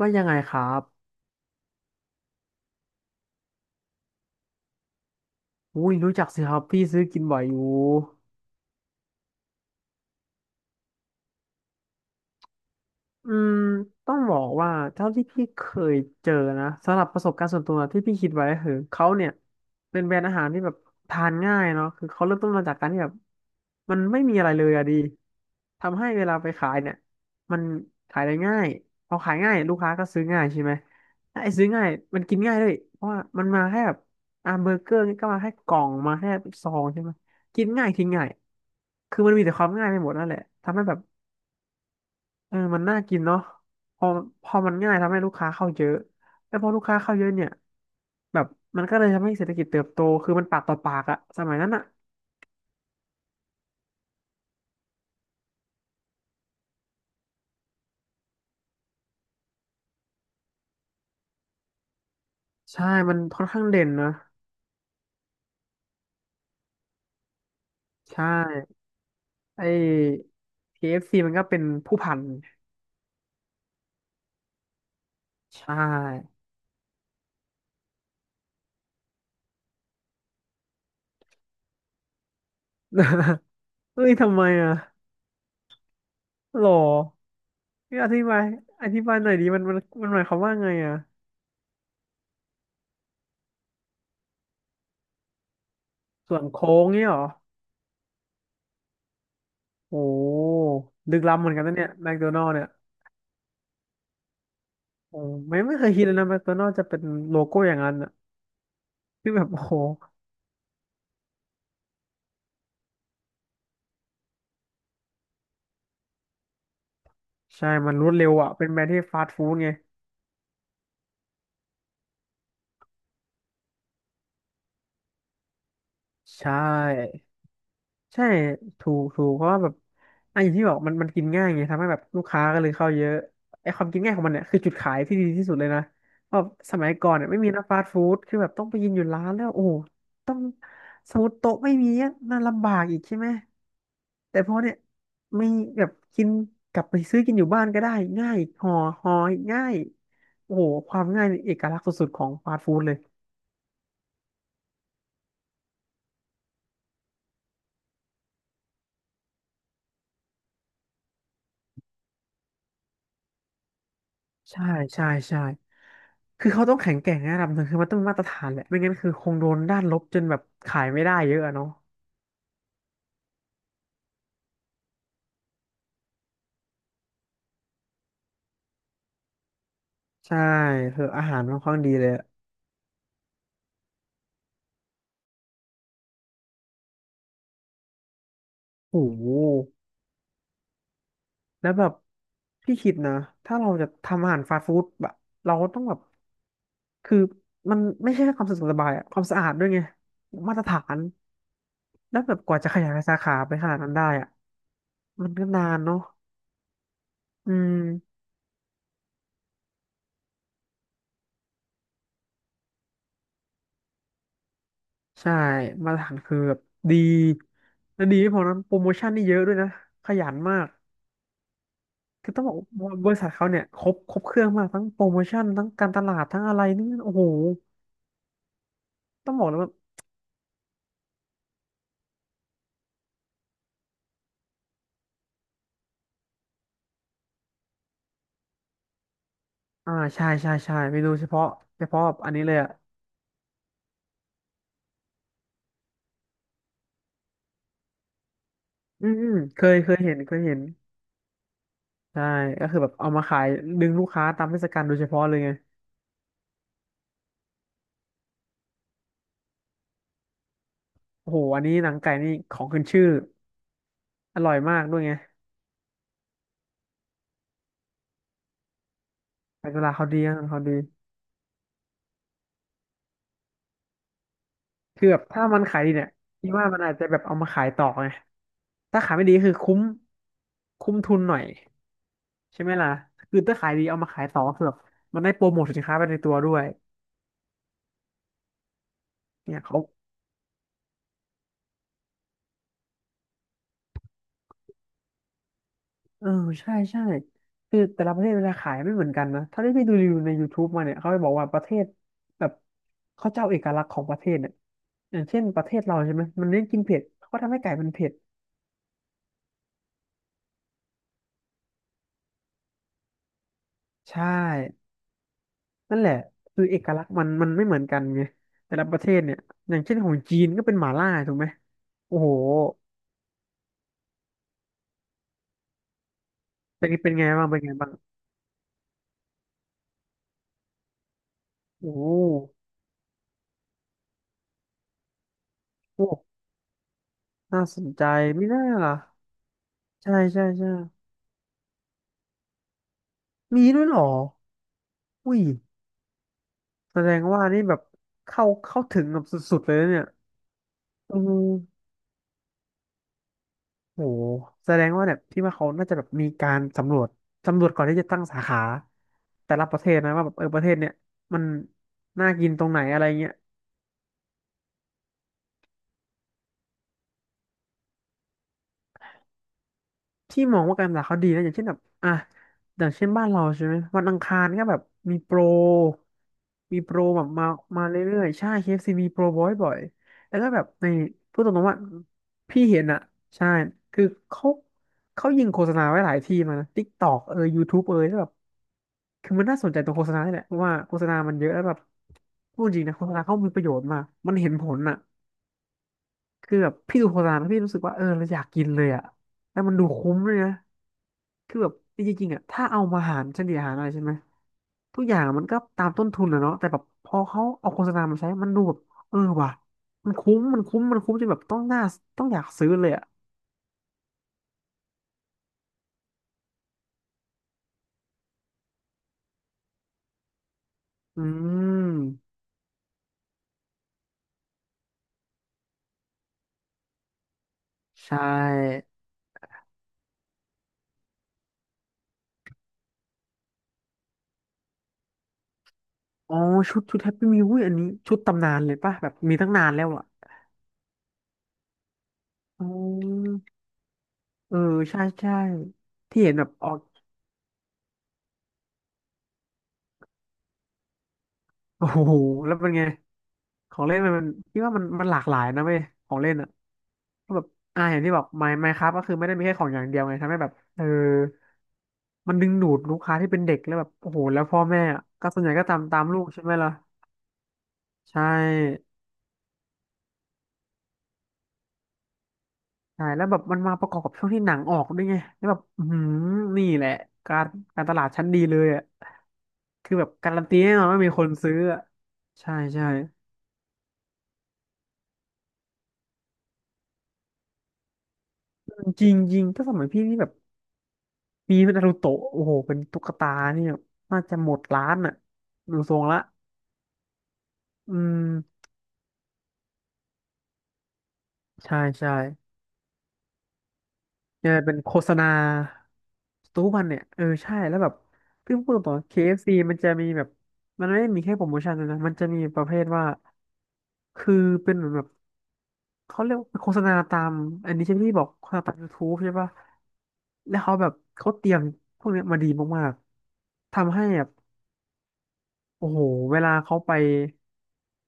ว่ายังไงครับ อุ้ยรู้จักสิครับพี่ซื้อกินบ่อยอยู่ อืมต้องบอกว่าเท่าที่พี่เคยเจอนะสำหรับประสบการณ์ส่วนตัวที่พี่คิดไว้ก็คือเขาเนี่ยเป็นแบรนด์อาหารที่แบบทานง่ายเนาะคือเขาเริ่มต้นมาจากการที่แบบมันไม่มีอะไรเลยอะดีทำให้เวลาไปขายเนี่ยมันขายได้ง่ายพอขายง่ายลูกค้าก็ซื้อง่ายใช่ไหมถ้าไอ้ซื้อง่ายมันกินง่ายด้วยเพราะว่ามันมาแค่แบบเบอร์เกอร์นี่ก็มาแค่กล่องมาแค่ซองใช่ไหมกินง่ายทิ้งง่ายคือมันมีแต่ความง่ายไปหมดนั่นแหละทำให้แบบ เออมันน่ากินเนาะพอพอมันง่ายทำให้ลูกค้าเข้าเยอะ แล้วพอลูกค้าเข้าเยอะเนี่ยแบบมันก็เลยทำให้เศรษฐกิจเติบโต คือมันปากต่อปากอะสมัยนั้นอะ ใช่ มันค่อนข้างเด่นนะใช่ไอ้ KFC มันก็เป็นผู้พัน ใช่ เฮ้ยทำไมอะหรอนี่อธิบายหน่อยดิมันหมายความว่าไงอะส่วนโค้งเนี่ยเหรอ โอ้โหลึกล้ำเหมือนกันนะเนี่ยแมคโดนัลด์เนี่ย โอ้ไม่เคยคิดเลยนะแมคโดนัลด์จะเป็นโลโก้อย่างนั้นอ่ะที่แบบโอ้โหใช่มันรวดเร็วอ่ะเป็นแบรนด์ที่ฟาสต์ฟู้ดไงใช่ ใช่ถูกเพราะว่าแบบอ่ะอย่างที่บอกมันกินง่ายไงทำให้แบบลูกค้าก็เลยเข้าเยอะไอ้ความกินง่ายของมันเนี่ยคือจุดขายที่ดีที่สุดเลยนะเพราะสมัยก่อนเนี่ยไม่มีนะฟาสต์ฟู้ดคือแบบต้องไปกินอยู่ร้านแล้วโอ้โหต้องสมมติโต๊ะไม่มีอ่ะน่าลำบากอีกใช่ไหมแต่พอเนี่ยมีแบบกินกลับไปซื้อกินอยู่บ้านก็ได้ง่ายห่อง่ายโอ้โหความง่ายนี่เอกลักษณ์สุดๆของฟาสต์ฟู้ดเลย ใช่ใช่คือเขาต้องแข็งแกร่งในระดับหนึ่งคือมันต้องมีมาตรฐานแหละไม่งั้นคือคงโดนด้านลบจนแบบขายไม่ได้เยอะอะเนาะใช่คืออาหารค่อนข้างดีเลยอะโอ้โหแล้วแบบพี่คิดนะถ้าเราจะทำอาหารฟาสต์ฟู้ดแบบเราก็ต้องแบบคือมันไม่ใช่แค่ความสะดวกสบายอะความสะอาดด้วยไงมาตรฐานแล้วแบบกว่าจะขยายสาขาไปขนาดนั้นได้อะมันก็นานเนาะอืม ใช่มาตรฐานคือแบบดีและดีไม่พอนะโปรโมชั่นนี่เยอะด้วยนะขยันมากคือต้องบอกว่าบริษัทเขาเนี่ยครบเครื่องมากทั้งโปรโมชั่นทั้งการตลาดทั้งอะไรนี่โอ้โหต้องบอกเลยว่าใช่เมนูเฉพาะอันนี้เลยอ่ะอืมเคยเห็นใช่ก็คือแบบเอามาขายดึงลูกค้าตามเทศกาลโดยเฉพาะเลยไงโอ้โหอันนี้หนังไก่นี่ของขึ้นชื่ออร่อยมากด้วยไงการตลาดเขาดีการตลาดเขาดี คือแบบถ้ามันขายดีเนี่ยพี่ว่ามันอาจจะแบบเอามาขายต่อไงถ้าขายไม่ดีคือคุ้มทุนหน่อยใช่ไหมล่ะคือถ้าขายดีเอามาขายต่อคือแบบมันได้โปรโมทสินค้าไปในตัวด้วยเนี่ยเขาเออใช่คือแต่ละประเทศเวลาขายไม่เหมือนกันนะถ้าได้ไปดูรีวิวใน YouTube มาเนี่ยเขาจะบอกว่าประเทศแบบเขาจะเอาเอกลักษณ์ของประเทศเนี่ยอย่างเช่นประเทศเราใช่ไหมมันเน้นกินเผ็ดเขาก็ทำให้ไก่มันเผ็ดใช่ นั่นแหละคือเอกลักษณ์มันไม่เหมือนกันไงแต่ละประเทศเนี่ยอย่างเช่นของจีนก็เป็นหม่าล่าถูกไหมโอ้โหเป็นไงบ้างโอ้โหโอ้น่าสนใจไม่น่าล่ะใช่มีด้วยเหรออุ้ยแสดงว่านี่แบบเข้าถึงแบบสุดๆเลยนะเนี่ยเออโหแสดงว่าเนี่ยพี่ว่าเขาน่าจะแบบมีการสำรวจก่อนที่จะตั้งสาขาแต่ละประเทศนะว่าแบบเออประเทศเนี่ยมันน่ากินตรงไหนอะไรเงี้ย ที่มองว่าการศึกษาเขาดีนะอย่างเช่นแบบอ่ะอย่างเช่นบ้านเราใช่ไหมวันอังคารก็แบบมีโปรแบบมาเรื่อยๆใช่เค f ีมีโปรบ่อยแล้วก็แบบในพูดตรงๆว่าพี่เห็นอ่ะใช่คือเขาเขายิงโฆษณาไว้หลายที่มานะ TikTok เอย YouTube เอยแล้วแบบคือมันน่าสนใจตรงโฆษณานี่แหละเพราะว่าโฆษณามันเยอะแล้วแบบพูดจริงนะโฆษณาเขามีประโยชน์มากมันเห็นผลอ่ะคือแบบพี่ดูโฆษณาแล้วพี่รู้สึกว่าเออเราอยากกินเลยอ่ะแล้วมันดูคุ้มเลยนะ คือแบบจริงๆอ่ะถ้าเอามาหารเฉลี่ยหารอะไรใช่ไหมทุกอย่างมันก็ตามต้นทุนอะเนาะแต่แบบพอเขาเอาโฆษณามาใช้มันดูแบบเออว่ะมันคุ้มจนแบบต้องน่าต้องอยากซื้อเลยอ่ะอืมใช่อ๋อชุดแฮปปี้มิวอันนี้ชุดตำนานเลยป่ะแบบมีตั้งนานแล้วอ่ะอ๋อเออใช่ใช่ที่เห็นแบบออกโอ้โหแล้วเป็นไงของเล่นมันคิดว่ามันหลากหลายนะเว้ยของเล่นอ่ะ ก็แบบอย่างที่บอกไมค์ครับก็คือไม่ได้มีแค่ของอย่างเดียวไงทำให้แบบเออมันดึงดูดลูกค้าที่เป็นเด็กแล้วแบบโอ้โหแล้วพ่อแม่อะก็ส่วนใหญ่ก็ตามลูกใช่ไหมล่ะใช่ใช่แล้วแบบมันมาประกอบกับช่วงที่หนังออกด้วยไงแล้วแบบอืมนี่แหละการการตลาดชั้นดีเลยอ่ะคือแบบการันตีแน่นอนว่ามีคนซื้ออะใช่ใช่จริงจริงถ้าสมัยพี่นี่แบบมีเป็นนารูโตะโอ้โหเป็นตุ๊กตานี่แบบน่าจะหมดร้านอ่ะดูทรงละอืมใช่ใช่ เนี่ยเป็นโฆษณาทุกวันเนี่ยเออใช่แล้วแบบพี่พูดตรงๆ KFC มันจะมีแบบมันไม่ได้มีแค่โปรโมชั่นด้วยนะมันจะมีประเภทว่าคือเป็นเหมือนแบบเขาเรียกว่าเป็นโฆษณาตามอันนี้ใช่ไหมที่บอกโฆษณาตาม YouTube ใช่ปะแล้วเขาแบบเขาเตรียมพวกเนี้ยมาดีมากๆทำให้แบบโอ้โหเวลาเขาไป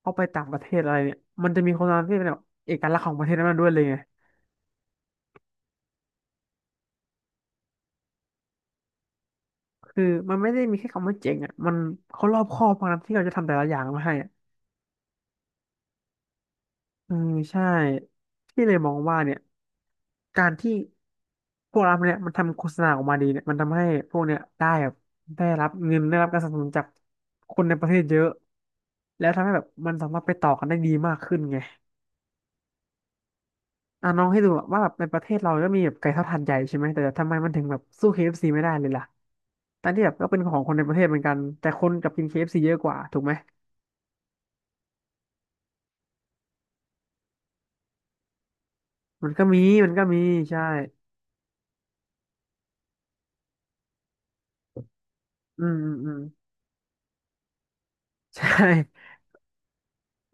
เขาไปต่างประเทศอะไรเนี่ยมันจะมีโฆษณาที่เป็นแบบเอกลักษณ์ของประเทศนั้นๆด้วยเลยไงคือมันไม่ได้มีแค่คำว่าเจ๋งอ่ะมันเขารอบคอบมากนะที่เขาจะทำแต่ละอย่างมาให้ เออใช่ที่เลยมองว่าเนี่ยการที่พวกเราเนี่ยมันทำโฆษณาออกมาดีเนี่ยมันทำให้พวกเนี่ยได้แบบได้รับเงินได้รับการสนับสนุนจากคนในประเทศเยอะแล้วทำให้แบบมันสามารถไปต่อกันได้ดีมากขึ้นไงอ่ะน้องให้ดูอะว่าแบบในประเทศเราก็มีแบบไก่ทอดหาดใหญ่ใช่ไหมแต่ทำไมมันถึงแบบสู้ KFC ไม่ได้เลยล่ะทั้งที่แบบก็เป็นของคนในประเทศเหมือนกันแต่คนกลับกินเคเอฟซีเยอะกว่าถูกไหมมันก็มีมันก็มีใช่อืมอืมอืม ใช่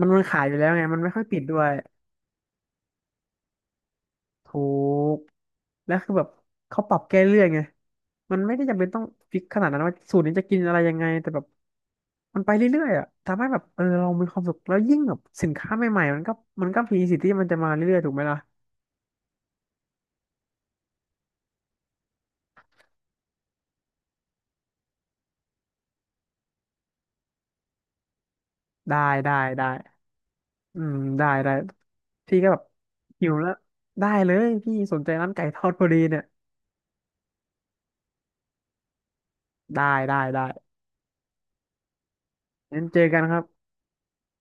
มันมันขายอยู่แล้วไงมันไม่ค่อยปิดด้วย ถูกแล้วคือแบบเขาปรับแก้เรื่อยไงมันไม่ได้จำเป็นต้องฟิกขนาดนั้นว่าสูตรนี้จะกินอะไรยังไงแต่แบบมันไปเรื่อยๆอ่ะทำให้แบบเออเรามีความสุขแล้วยิ่งแบบสินค้าใหม่ๆมันก็มันก็มีสิทธิ์ที่มันจะมาเรื่อยๆถูกไหมล่ะได้ได้อืมได้พี่ก็แบบหิวแล้วได้เลยพี่สนใจร้านไก่ทอดพอดีเนี่ยได้ได้งั้นเจอกันครับ